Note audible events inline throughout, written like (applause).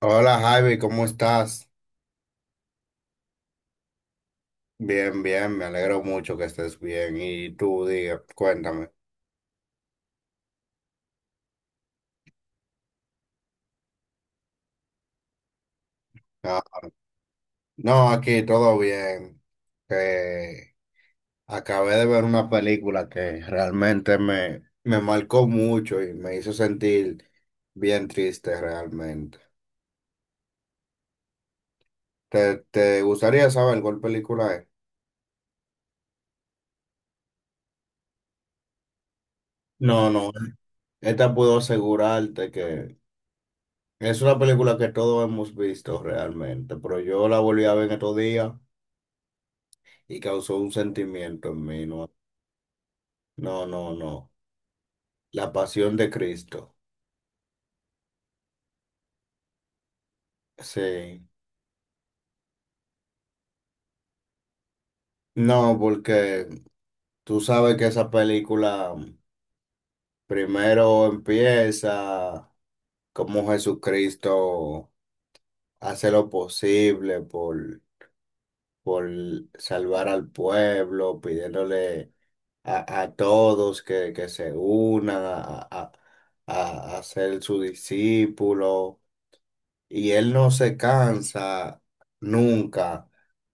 Hola Javi, ¿cómo estás? Bien, bien, me alegro mucho que estés bien. Y tú, diga, cuéntame. Ah, no, aquí todo bien. Eh, Acabé de ver una película que realmente me marcó mucho y me hizo sentir bien triste realmente. ¿Te gustaría saber cuál película es? No, no, esta puedo asegurarte que es una película que todos hemos visto realmente, pero yo la volví a ver en estos días, y causó un sentimiento en mí. No, no, no, no. La pasión de Cristo. Sí. No, porque tú sabes que esa película primero empieza como Jesucristo hace lo posible por salvar al pueblo, pidiéndole a todos que se unan a ser su discípulo. Y él no se cansa nunca.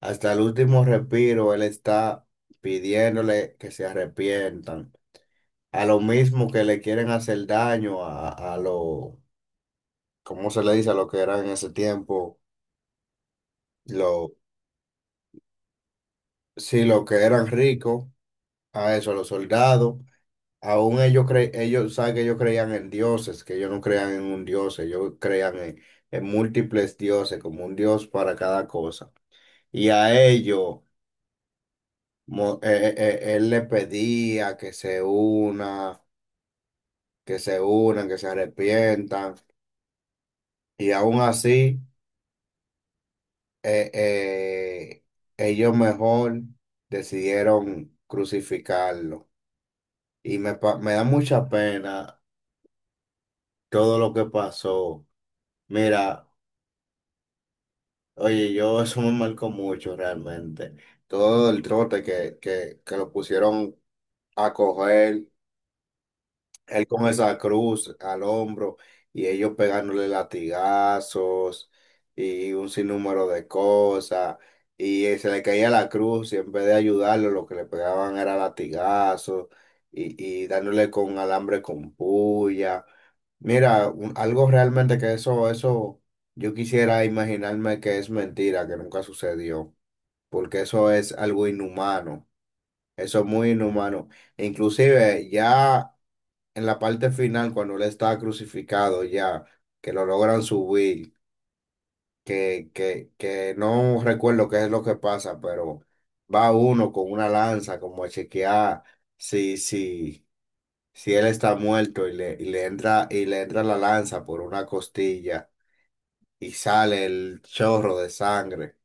Hasta el último respiro, él está pidiéndole que se arrepientan. A lo mismo que le quieren hacer daño a lo, ¿cómo se le dice? A lo que eran en ese tiempo, lo, sí, lo que eran ricos, a eso, a los soldados. Aún ellos cre ellos, saben que ellos creían en dioses, que ellos no creían en un dios, ellos creían en múltiples dioses, como un dios para cada cosa. Y a ellos. Mo- él le pedía que se una, que se unan, que se arrepientan. Y aún así, eh, eh, ellos mejor decidieron crucificarlo. Y me, pa- me da mucha pena todo lo que pasó. Mira, oye, yo (laughs) eso me marcó mucho realmente. Todo el trote que lo pusieron a coger. Él con esa cruz al hombro y ellos pegándole latigazos y un sinnúmero de cosas. Y se le caía la cruz y en vez de ayudarlo, lo que le pegaban era latigazos y dándole con alambre con puya. Mira, un- algo realmente que eso, yo quisiera imaginarme que es mentira, que nunca sucedió, porque eso es algo inhumano, eso es muy inhumano. Inclusive ya en la parte final, cuando él está crucificado ya, que lo logran subir, que no recuerdo qué es lo que pasa, pero va uno con una lanza como a chequear si, si, si él está muerto y le entra la lanza por una costilla y sale el chorro de sangre.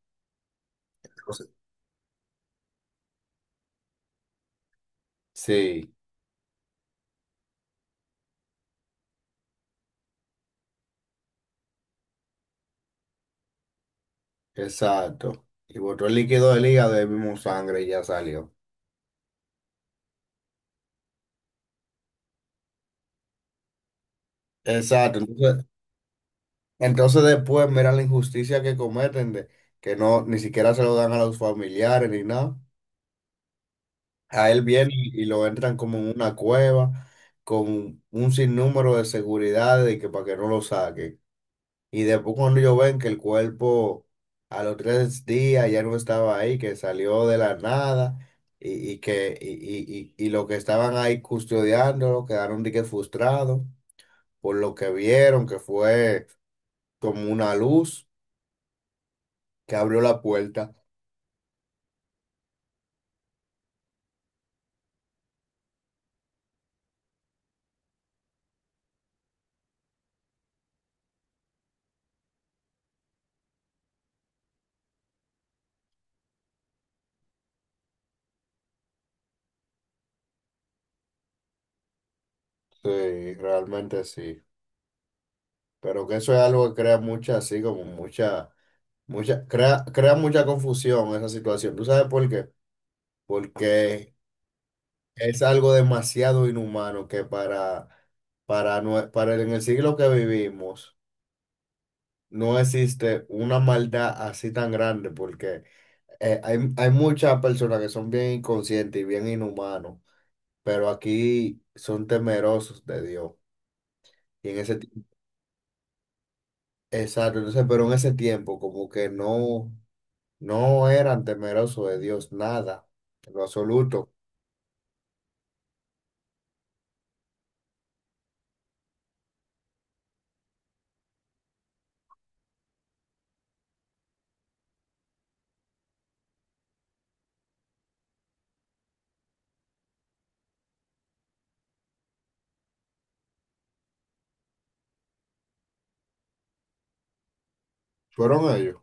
Entonces- sí, exacto. Y botó el líquido del hígado y mismo sangre y ya salió. Exacto. Entonces, entonces después mira la injusticia que cometen de que no ni siquiera se lo dan a los familiares ni nada. A él viene y lo entran como en una cueva con un sinnúmero de seguridad de que para que no lo saquen. Y después cuando ellos ven que el cuerpo a los tres días ya no estaba ahí, que salió de la nada y, y que y los que estaban ahí custodiándolo quedaron de que frustrados por lo que vieron que fue como una luz que abrió la puerta. Sí, realmente sí. Pero que eso es algo que crea mucha, así como mucha, mucha, crea, crea mucha confusión esa situación. ¿Tú sabes por qué? Porque es algo demasiado inhumano que para, nue- para el- en el siglo que vivimos no existe una maldad así tan grande porque hay muchas personas que son bien inconscientes y bien inhumanos, pero aquí son temerosos de Dios. Y en ese exacto, entonces, pero en ese tiempo como que no, no eran temerosos de Dios, nada, en lo absoluto. Fueron ellos.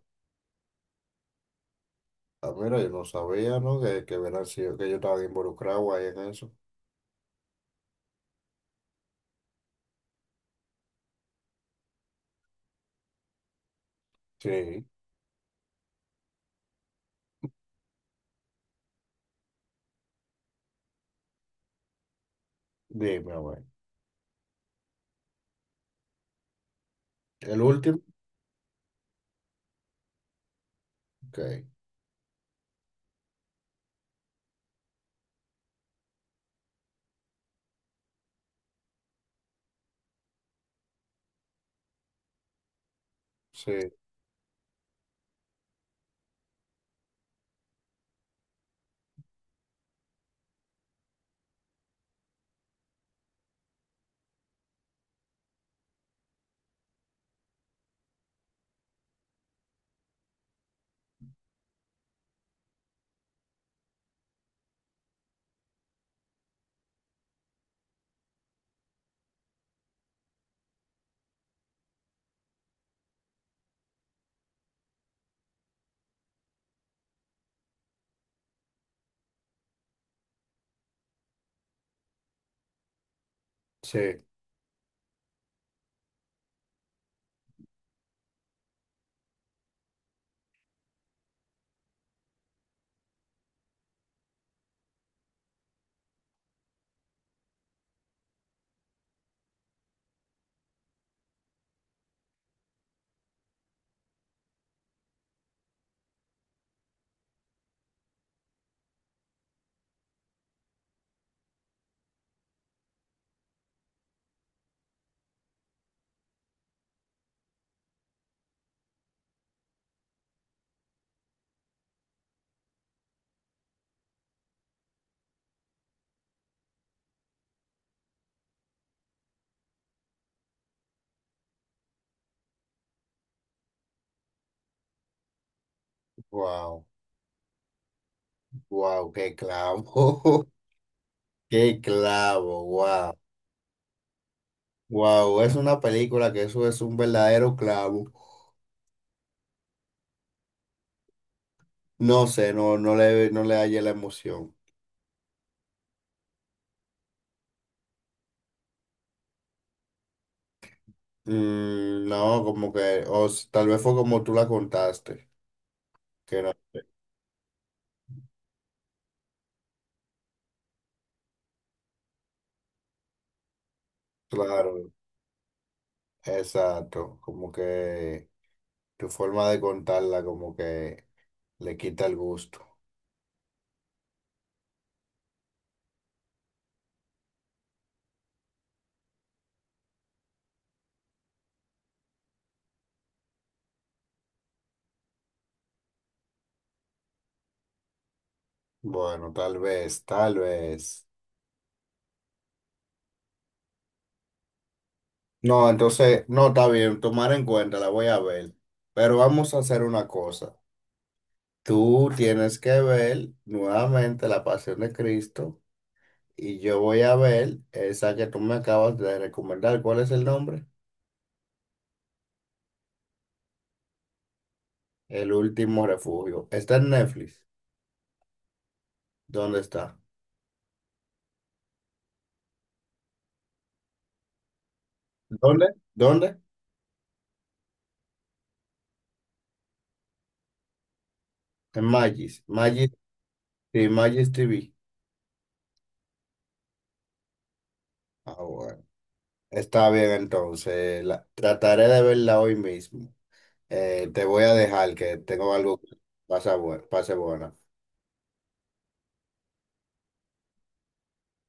Ah, mira, yo no sabía, ¿no? Que, hubieran sido- que yo estaba involucrado ahí en eso. Sí, dime, a ver. El último, ok. Sí, sí. Wow, wow, qué clavo. (laughs) Qué clavo, wow. Wow, es una película que eso es un verdadero clavo. No sé, no, no le hallé la emoción. Mm, no, como que, o s- tal vez fue como tú la contaste, que no, claro, exacto, como que tu forma de contarla como que le quita el gusto. Bueno, tal vez, tal vez. No, entonces, no, está bien, tomar en cuenta, la voy a ver, pero vamos a hacer una cosa. Tú tienes que ver nuevamente La Pasión de Cristo y yo voy a ver esa que tú me acabas de recomendar. ¿Cuál es el nombre? El último refugio. Está en Netflix. ¿Dónde está? ¿Dónde? ¿Dónde? En Magis. Magis, sí, Magis TV. Ah, bueno. Está bien, entonces. La- trataré de verla hoy mismo. Te voy a dejar que tengo algo que pasa, bu- pase buena.